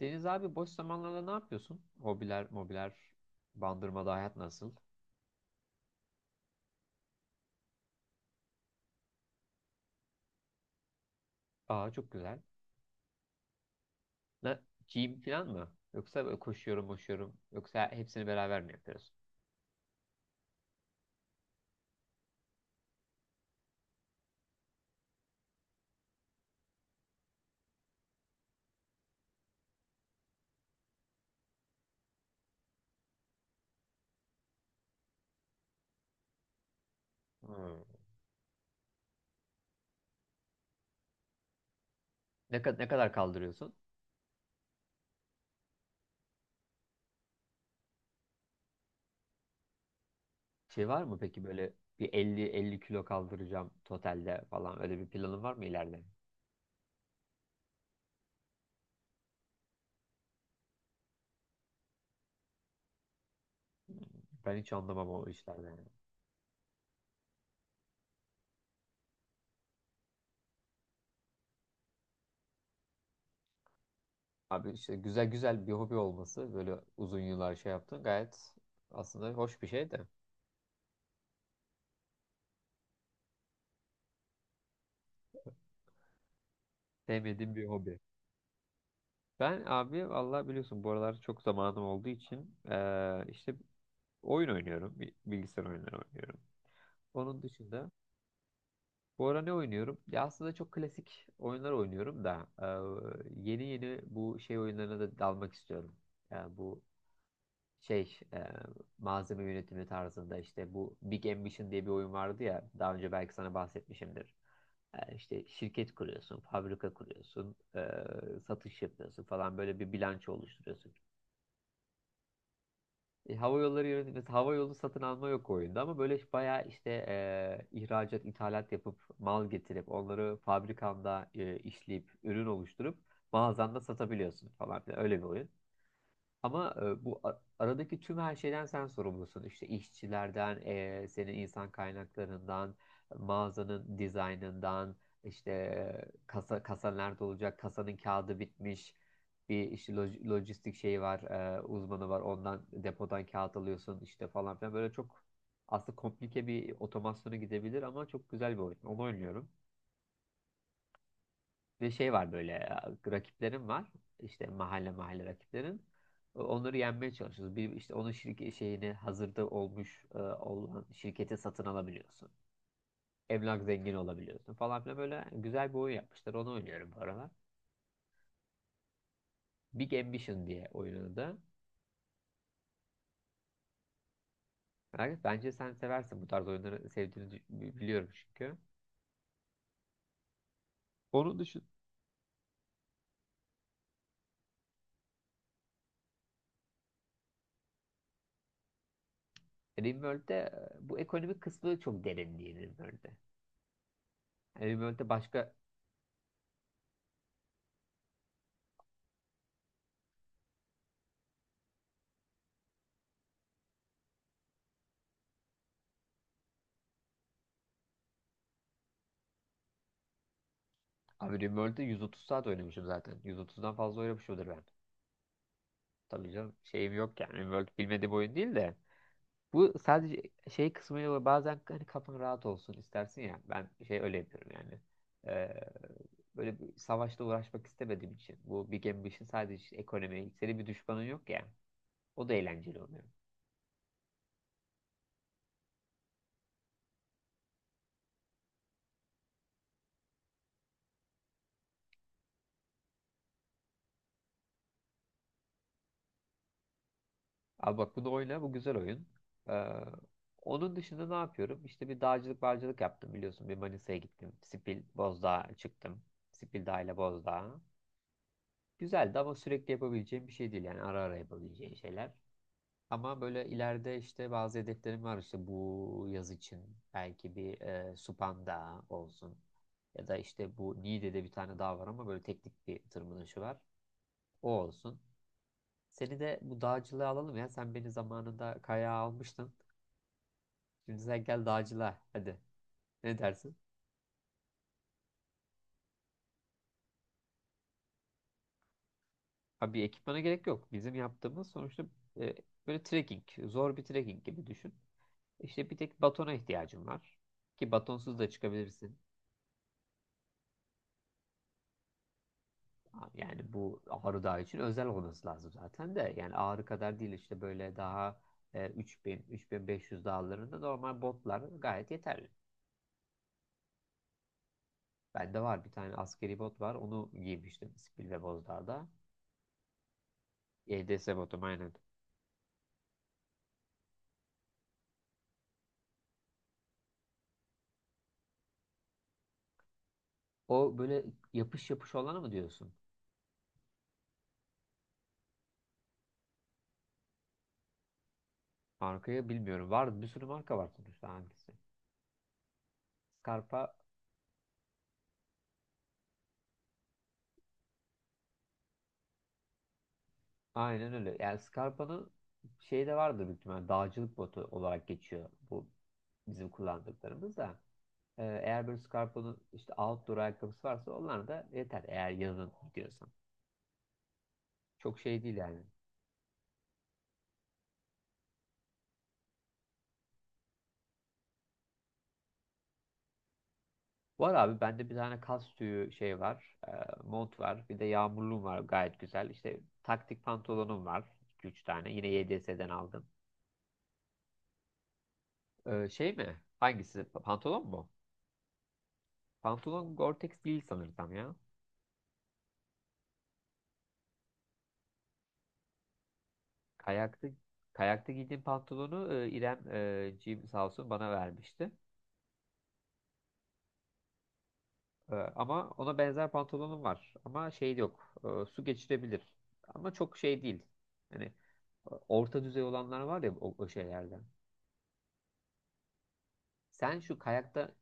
Deniz abi, boş zamanlarda ne yapıyorsun? Hobiler, mobiler, Bandırmada hayat nasıl? Aa, çok güzel. Ne, Gym falan mı? Yoksa böyle koşuyorum, koşuyorum. Yoksa hepsini beraber mi yapıyorsun? Hmm. Ne kadar kaldırıyorsun? Şey var mı peki, böyle bir 50-50 kilo kaldıracağım totalde falan. Öyle bir planın var mı ileride? Ben hiç anlamam o işlerden, yani. Abi, işte güzel güzel bir hobi olması, böyle uzun yıllar şey yaptın, gayet aslında hoş bir şey de, sevmediğim bir hobi. Ben abi vallahi biliyorsun, bu aralar çok zamanım olduğu için işte oyun oynuyorum. Bilgisayar oyunları oynuyorum. Onun dışında, bu ara ne oynuyorum? Ya aslında çok klasik oyunlar oynuyorum da yeni yeni bu şey oyunlarına da dalmak istiyorum. Yani bu şey, malzeme yönetimi tarzında, işte bu Big Ambition diye bir oyun vardı ya, daha önce belki sana bahsetmişimdir. İşte şirket kuruyorsun, fabrika kuruyorsun, satış yapıyorsun falan, böyle bir bilanço oluşturuyorsun. Hava yolları yönetimi, hava yolu satın alma yok oyunda, ama böyle bayağı işte ihracat, ithalat yapıp mal getirip onları fabrikanda işleyip ürün oluşturup mağazanda satabiliyorsun falan filan, öyle bir oyun. Ama bu aradaki tüm her şeyden sen sorumlusun. İşte işçilerden, senin insan kaynaklarından, mağazanın dizaynından, işte kasa kasa nerede olacak, kasanın kağıdı bitmiş. Bir işte lojistik şeyi var, uzmanı var. Ondan depodan kağıt alıyorsun işte falan filan. Böyle çok aslında komplike bir otomasyona gidebilir, ama çok güzel bir oyun. Onu oynuyorum. Ve şey var, böyle rakiplerim var. İşte mahalle mahalle rakiplerim. Onları yenmeye çalışıyoruz. Bir işte onun şirket şeyini, hazırda olmuş olan şirketi satın alabiliyorsun. Emlak zengini olabiliyorsun falan filan, böyle güzel bir oyun yapmışlar. Onu oynuyorum bu aralar. Big Ambition diye oyunun adı. Yani bence sen seversin, bu tarz oyunları sevdiğini biliyorum çünkü. Onun dışında Rimworld'de bu ekonomik kısmı çok derin değil Rimworld'de. Yani Rimworld'de başka... Abi RimWorld'da 130 saat oynamışım zaten. 130'dan fazla oynamışımdır ben. Tabii canım, şeyim yok yani. RimWorld bilmediğim oyun değil de. Bu sadece şey kısmıyla var. Bazen hani kafan rahat olsun istersin ya. Ben şey öyle yapıyorum yani. Ee, Böyle bir savaşla uğraşmak istemediğim için, bu Big Ambition sadece işte ekonomi. Senin bir düşmanın yok ya. O da eğlenceli oluyor. Abi bak, bunu oyna, bu güzel oyun. Ee, Onun dışında ne yapıyorum? İşte bir dağcılık barcılık yaptım biliyorsun. Bir Manisa'ya gittim. Sipil, Bozdağ'a çıktım. Sipil Dağ ile Bozdağ'a. Güzeldi, ama sürekli yapabileceğim bir şey değil. Yani ara ara yapabileceğim şeyler. Ama böyle ileride işte bazı hedeflerim var. İşte bu yaz için belki bir Supan Dağı olsun. Ya da işte bu Niğde'de bir tane dağ var, ama böyle teknik bir tırmanışı var. O olsun. Seni de bu dağcılığa alalım ya. Sen beni zamanında kayağa almıştın. Şimdi sen gel dağcılığa. Hadi. Ne dersin? Abi, bir ekipmana gerek yok. Bizim yaptığımız sonuçta e, böyle trekking. Zor bir trekking gibi düşün. İşte bir tek batona ihtiyacın var. Ki batonsuz da çıkabilirsin. Yani bu Ağrı Dağı için özel olması lazım zaten de. Yani Ağrı kadar değil, işte böyle daha 3000, 3500 dağlarında normal botlar gayet yeterli. Bende var, bir tane askeri bot var. Onu giymiştim Spil ve Bozdağ'da. EDS botum, aynen. O böyle yapış yapış olanı mı diyorsun? Markayı bilmiyorum. Var, bir sürü marka var sonuçta, hangisi? Scarpa, aynen öyle. Yani Scarpa'nın şey de vardı, büyük ihtimalle dağcılık botu olarak geçiyor bu bizim kullandıklarımız da. Eğer böyle Scarpa'nın işte outdoor ayakkabısı varsa, onlar da yeter eğer yazın gidiyorsan. Çok şey değil yani. Var abi, bende bir tane kas tüyü şey var. Mont var. Bir de yağmurluğum var, gayet güzel. İşte taktik pantolonum var. 2-3 tane. Yine YDS'den aldım. Şey mi? Hangisi? Pantolon mu? Pantolon Gore-Tex değil sanırsam ya. Kayakta kayakta giydiğim pantolonu İrem, Jim sağ olsun, bana vermişti. Ama ona benzer pantolonum var. Ama şey yok. Su geçirebilir. Ama çok şey değil. Hani orta düzey olanlar var ya, o, o şeylerden. Sen şu kayakta...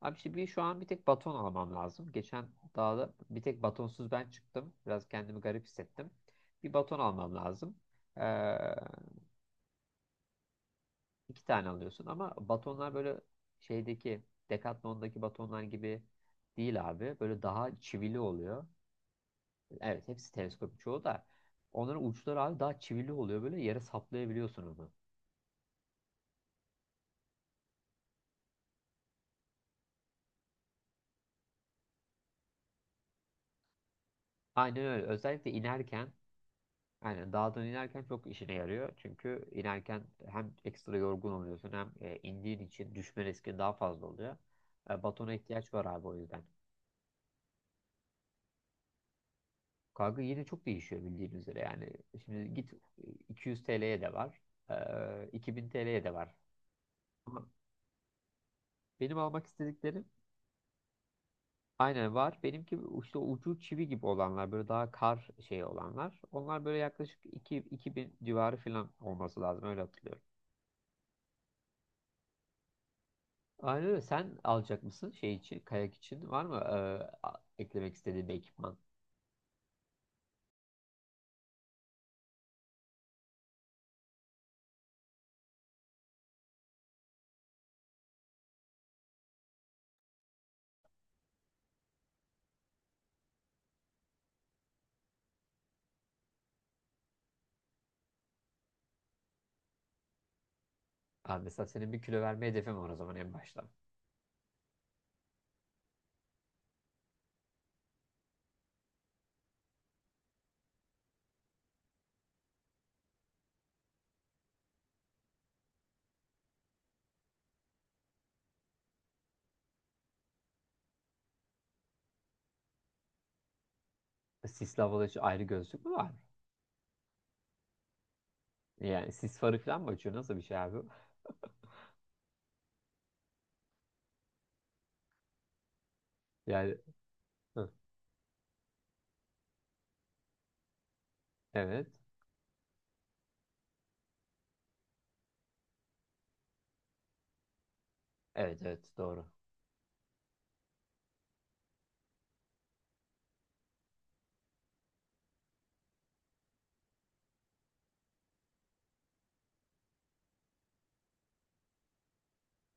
Abi işte bir, şu an bir tek baton almam lazım. Geçen dağda bir tek batonsuz ben çıktım. Biraz kendimi garip hissettim. Bir baton almam lazım. E, İki tane alıyorsun ama batonlar böyle şeydeki Decathlon'daki batonlar gibi değil abi. Böyle daha çivili oluyor. Evet, hepsi teleskop çoğu da. Onların uçları abi daha çivili oluyor. Böyle yere saplayabiliyorsun onu. Aynen öyle. Özellikle inerken, yani dağdan inerken çok işine yarıyor. Çünkü inerken hem ekstra yorgun oluyorsun, hem indiğin için düşme riski daha fazla oluyor. Batona ihtiyaç var abi o yüzden. Kanka, yine çok değişiyor bildiğin üzere yani. Şimdi git, 200 TL'ye de var, 2000 TL'ye de var. Ama benim almak istediklerim aynen var. Benimki işte ucu çivi gibi olanlar, böyle daha kar şey olanlar. Onlar böyle yaklaşık iki bin civarı falan olması lazım, öyle hatırlıyorum. Aynen öyle. Sen alacak mısın şey için, kayak için var mı eklemek istediğin bir ekipman? Ha, mesela senin bir kilo verme hedefin var o zaman en başta. Sisli havalı için ayrı gözlük mü var? Yani sis farı falan mı açıyor? Nasıl bir şey abi? Yani, hı, evet. Evet evet, doğru.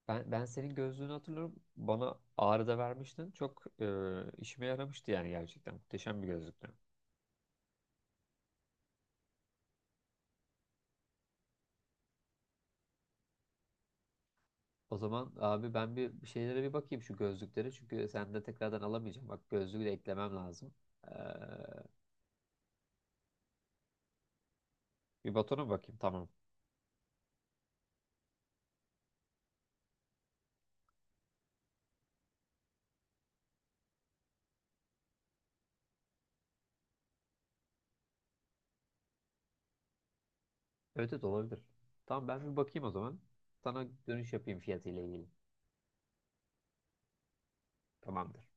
Ben senin gözlüğünü hatırlıyorum. Bana Ağrı'da vermiştin. Çok işime yaramıştı yani, gerçekten. Muhteşem bir gözlüktü. O zaman abi, ben bir şeylere bir bakayım şu gözlükleri. Çünkü sen de tekrardan alamayacağım. Bak, gözlüğü de eklemem lazım. Ee, Bir batona bakayım, tamam. Evet evet, olabilir. Tamam, ben bir bakayım o zaman. Sana dönüş yapayım fiyatıyla ilgili. Tamamdır.